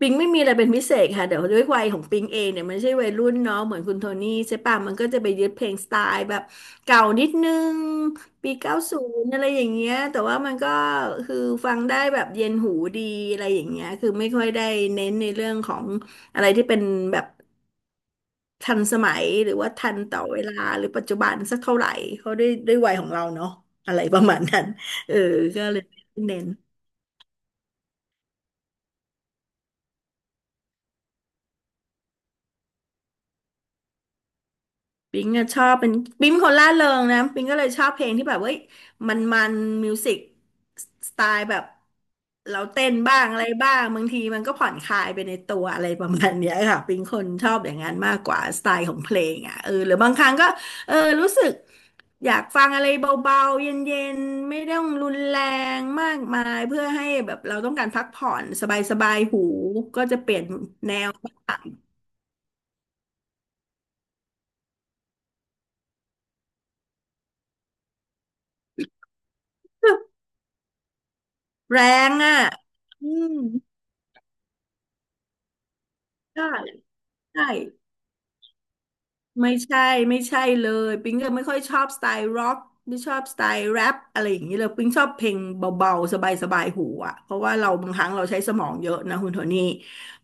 ปิงไม่มีอะไรเป็นพิเศษค่ะเดี๋ยวด้วยวัยของปิงเองเนี่ยมันไม่ใช่วัยรุ่นเนาะเหมือนคุณโทนี่ใช่ป่ะมันก็จะไปยึดเพลงสไตล์แบบเก่านิดนึงปี 90อะไรอย่างเงี้ยแต่ว่ามันก็คือฟังได้แบบเย็นหูดีอะไรอย่างเงี้ยคือไม่ค่อยได้เน้นในเรื่องของอะไรที่เป็นแบบทันสมัยหรือว่าทันต่อเวลาหรือปัจจุบันสักเท่าไหร่เขาะด้วยวัยของเราเนาะอะไรประมาณนั้นเออก็เลยไม่เน้น ปิงอะชอบเป็นปิงเป็นคนร่าเริงนะปิงก็เลยชอบเพลงที่แบบเว้ยมันมิวสิกสไตล์แบบเราเต้นบ้างอะไรบ้างบางทีมันก็ผ่อนคลายไปในตัวอะไรประมาณเนี้ยค่ะปิงคนชอบอย่างนั้นมากกว่าสไตล์ของเพลงอ่ะเออหรือบางครั้งก็เออรู้สึกอยากฟังอะไรเบาๆเย็นๆไม่ต้องรุนแรงมากมายเพื่อให้แบบเราต้องการพักผ่อนสบายๆหูก็จะเปลี่ยนแนวบ้าง แรงอ่ะอืมก็ ใช่ไม่ใช่ไม่ใช่เลยปิ๊งก็ไม่ค่อยชอบสไตล์ร็อกไม่ชอบสไตล์แรปอะไรอย่างนี้เลยปิ๊งชอบเพลงเบาๆสบายๆหูอ่ะเพราะว่าเราบางครั้งเราใช้สมองเยอะนะคุณโทนี่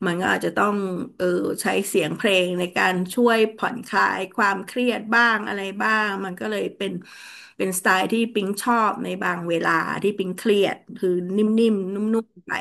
มันก็อาจจะต้องเออใช้เสียงเพลงในการช่วยผ่อนคลายความเครียดบ้างอะไรบ้างมันก็เลยเป็นสไตล์ที่ปิ๊งชอบในบางเวลาที่ปิ๊งเครียดคือนิ่มๆนุ่มๆไป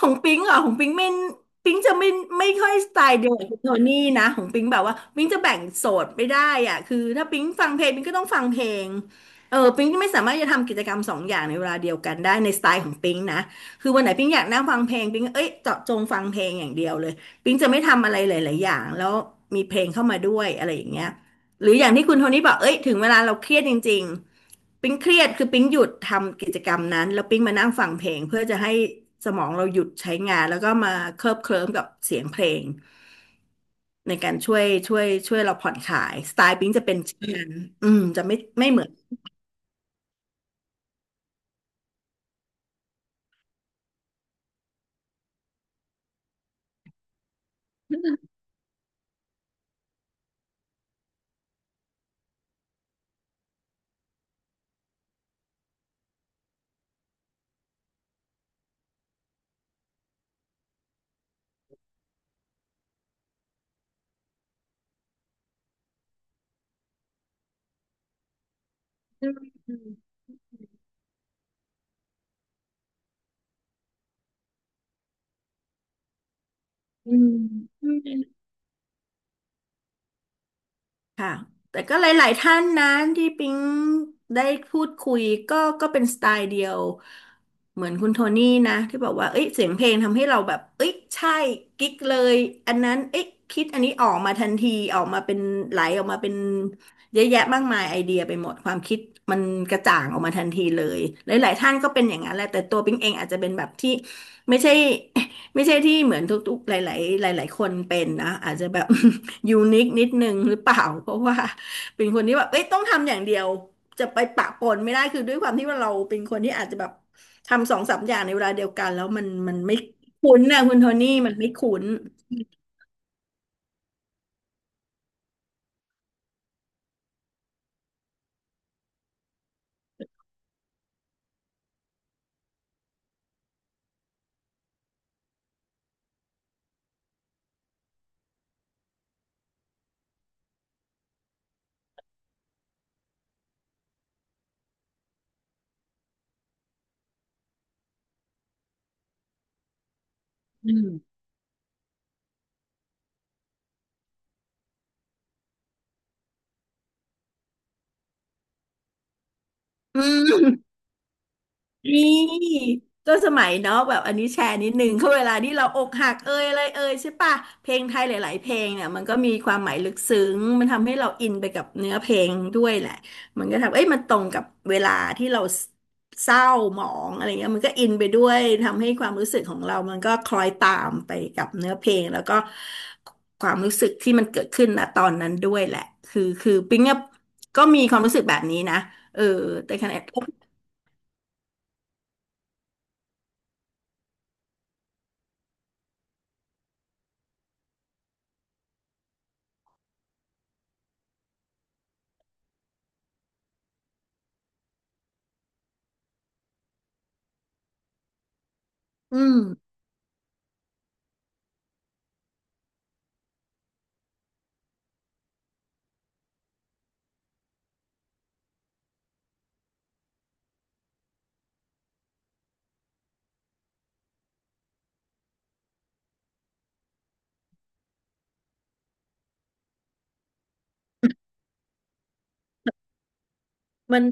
ของปิงเหรอ่ะของปิงไม่ปิงจะไม่ไม่ค่อยสไตล์เดียวกับคุณโทนี่นะของปิงแบบว่าปิงจะแบ่งโสดไม่ได้อ่ะคือถ้าปิงฟังเพลงปิงก็ต้องฟังเพลงเออปิงไม่สามารถจะทำกิจกรรมสองอย่างในเวลาเดียวกันได้ในสไตล์ของปิงนะคือวันไหนปิงอยากนั่งฟังเพลงปิงเอ้ยเจาะจงฟังเพลงอย่างเดียวเลยปิงจะไม่ทำอะไรหลายๆอย่างแล้วมีเพลงเข้ามาด้วยอะไรอย่างเงี้ย หรืออย่างที่คุณโทนี่บอกเอ้ยถึงเวลาเราเครียดจริงๆปิ๊งเครียดคือปิ๊งหยุดทำกิจกรรมนั้นแล้วปิ๊งมานั่งฟังเพลงเพื่อจะให้สมองเราหยุดใช้งานแล้วก็มาเคลิบเคลิ้มกับเสียงเพลงในการช่วยเราผ่อนคลายสไตล์ปิ๊งจะเป็นเช่นนั้นอืมจะไม่เหมือนอืม ค่ะแต่ก็หลายๆท่านนะที่ปิ๊งได้พูดคุยก็เป็นสไตล์เดียวเหมือนคุณโทนี่นะที่บอกว่าเอ้ยเสียงเพลงทำให้เราแบบเอ้ยใช่กิ๊กเลยอันนั้นเอ้ยคิดอันนี้ออกมาทันทีออกมาเป็นไหลออกมาเป็นเยอะแยะมากมายไอเดียไปหมดความคิดมันกระจ่างออกมาทันทีเลยหลายๆท่านก็เป็นอย่างนั้นแหละแต่ตัวปิ๊งเองอาจจะเป็นแบบที่ไม่ใช่ไม่ใช่ที่เหมือนทุกๆหลายๆหลายๆคนเป็นนะอาจจะแบบ ยูนิคนิดนึงหรือเปล่า เพราะว่าเป็นคนที่แบบเอ้ยต้องทำอย่างเดียวจะไปปะปนไม่ได้คือด้วยความที่ว่าเราเป็นคนที่อาจจะแบบทำสองสามอย่างในเวลาเดียวกันแล้วมันไม่คุ้นนะคุณโทนี่มันไม่คุ้นอืม นี่ก็สมัยเนาะแบบอันนี้แชร์นิดนึงเขาเวลาที่เราอกหักเอยอะไรเอยใช่ปะเพลงไทยหลายๆเพลงเนี่ยมันก็มีความหมายลึกซึ้งมันทำให้เราอินไปกับเนื้อเพลงด้วยแหละมันก็ทำเอ้ยมันตรงกับเวลาที่เราเศร้าหมองอะไรเงี้ยมันก็อินไปด้วยทำให้ความรู้สึกของเรามันก็คล้อยตามไปกับเนื้อเพลงแล้วก็ความรู้สึกที่มันเกิดขึ้นณตอนนั้นด้วยแหละคือปิ๊งอะก็มีความรู้สึกแบบนี้นะเออแต่ขณะอืมมัน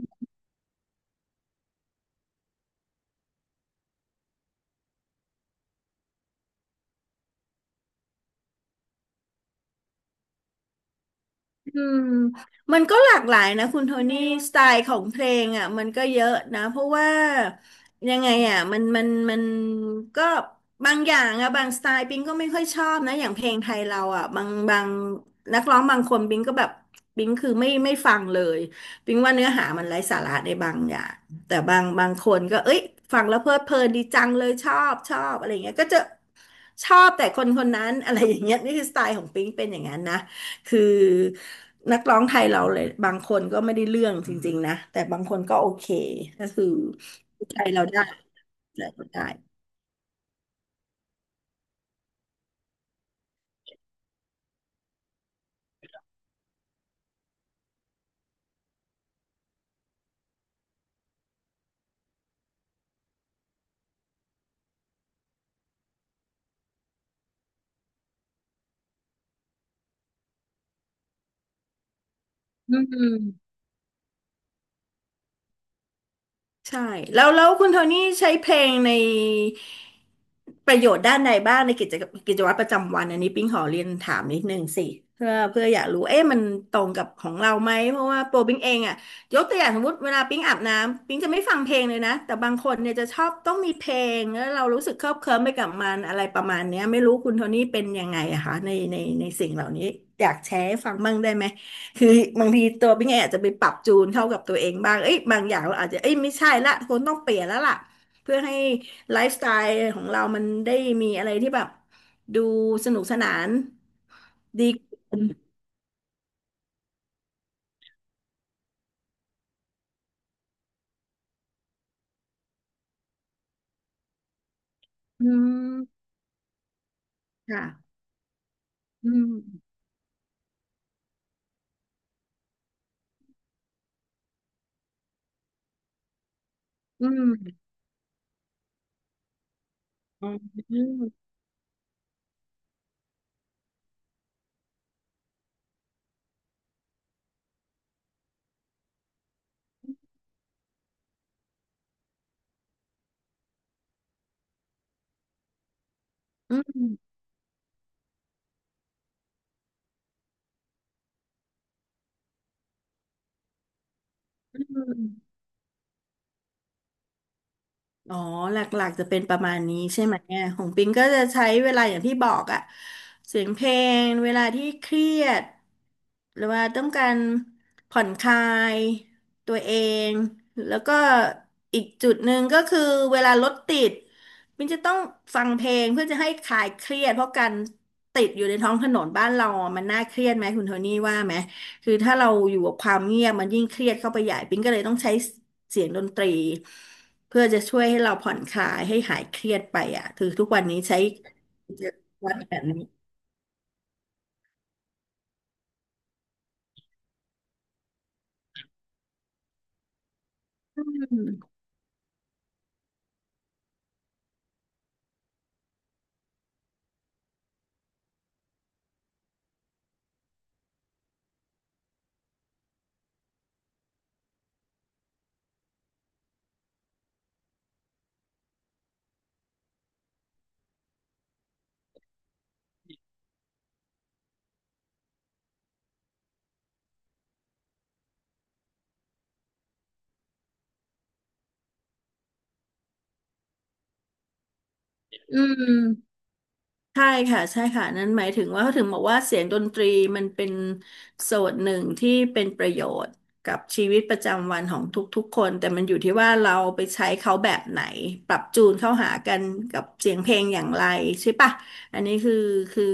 อืมมันก็หลากหลายนะคุณโทนี่สไตล์ของเพลงอ่ะมันก็เยอะนะเพราะว่ายังไงอ่ะมันก็บางอย่างอ่ะบางสไตล์ปิงก็ไม่ค่อยชอบนะอย่างเพลงไทยเราอ่ะบางนักร้องบางคนปิงก็แบบปิงคือไม่ฟังเลยปิงว่าเนื้อหามันไร้สาระในบางอย่างแต่บางคนก็เอ้ยฟังแล้วเพลิดเพลินดีจังเลยชอบอะไรเงี้ยก็จะชอบแต่คนคนนั้นอะไรอย่างเงี้ยนี่คือสไตล์ของปิงเป็นอย่างนั้นนะ คือนักร้องไทยเราเลยบางคนก็ไม่ได้เรื่องจริงๆนะแต่บางคนก็โอเคก็คือใจเราได้ใจเราได้อืม ใช่แล้วคุณโทนี่ใช้เพลงในประโยชน์ด้านใดบ้างในกิจกรรมกิจวัตรประจำวันอันนี้ปิ๊งขอเรียนถามนิดนึงสิเพื่ออยากรู้เอ๊ะมันตรงกับของเราไหมเพราะว่าโปรปิ๊งเองอะยกตัวอย่างสมมติเวลาปิ๊งอาบน้ำปิ๊งจะไม่ฟังเพลงเลยนะแต่บางคนเนี่ยจะชอบต้องมีเพลงแล้วเรารู้สึกเคลิบเคลิ้มไปกับมันอะไรประมาณเนี้ยไม่รู้คุณโทนี่เป็นยังไงอะคะในในสิ่งเหล่านี้อยากแชร์ให้ฟังบ้างได้ไหม คือบางทีตัวพี่ไงอาจจะไปปรับจูนเข้ากับตัวเองบ้าง เอ้ยบางอย่างเราอาจจะเอ้ยไม่ใช่ละคนต้องเปลี่ยนแล้วล่ะเพื่อให้ไลฟ์สไตล์ของเรามันได้มีอะไรที่แบบดูสนุกสนานดีขึ้นอืมค่ะอืมอืมอืมอืมอืม อ๋อหลักๆจะเป็นประมาณนี้ใช่ไหมเนี่ยของปิงก็จะใช้เวลาอย่างที่บอกอะเสียงเพลงเวลาที่เครียดหรือว่าต้องการผ่อนคลายตัวเองแล้วก็อีกจุดหนึ่งก็คือเวลารถติดปิงจะต้องฟังเพลงเพื่อจะให้คลายเครียดเพราะการติดอยู่ในท้องถนนบ้านเราอะมันน่าเครียดไหมคุณโทนี่ว่าไหมคือถ้าเราอยู่กับความเงียบมันยิ่งเครียดเข้าไปใหญ่ปิงก็เลยต้องใช้เสียงดนตรี เพื่อจะช่วยให้เราผ่อนคลายให้หายเครียดไปอ่ะคือทุกวันนี้ใช้วัดแบบนี้อืมอืม ใช่ค่ะใช่ค่ะนั่นหมายถึงว่าเขาถึงบอกว่าเสียงดนตรีมันเป็นส่วนหนึ่งที่เป็นประโยชน์กับชีวิตประจำวันของทุกๆคนแต่มันอยู่ที่ว่าเราไปใช้เขาแบบไหนปรับจูนเข้าหากันกับเสียงเพลงอย่างไรใช่ปะอันนี้คือคือ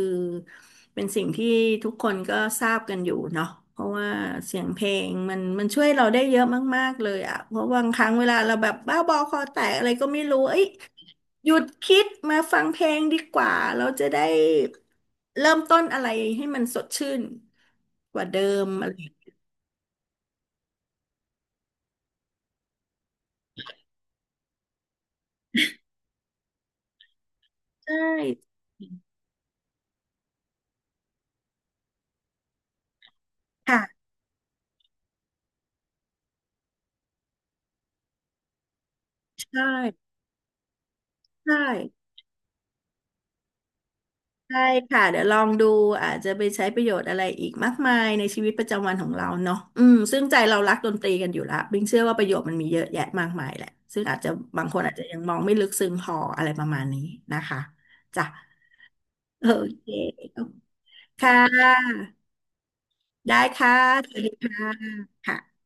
เป็นสิ่งที่ทุกคนก็ทราบกันอยู่เนาะเพราะว่าเสียงเพลงมันช่วยเราได้เยอะมากๆเลยอะเพราะบางครั้งเวลาเราแบบบ้าบอคอแตกอะไรก็ไม่รู้เอ้ย หยุดคิดมาฟังเพลงดีกว่า เราจะได้เริ่มต้นอะไรให้มันสดชื่นกว่าเดิมอะไรอย่างเงี้ยใช่ค่ะใช่ใช่ใช่ค่ะเดี๋ยวลองดูอาจจะไปใช้ประโยชน์อะไรอีกมากมายในชีวิตประจำวันของเราเนาะอืมซึ่งใจเรารักดนตรีกันอยู่ละบิงเชื่อว่าประโยชน์มันมีเยอะแยะมากมายแหละซึ่งอาจจะบางคนอาจจะยังมองไม่ลึกซึ้งพออะไรประมาณนี้นะคะจ้ะโอเคค่ะได้ค่ะสวัสดีค่ะค่ะ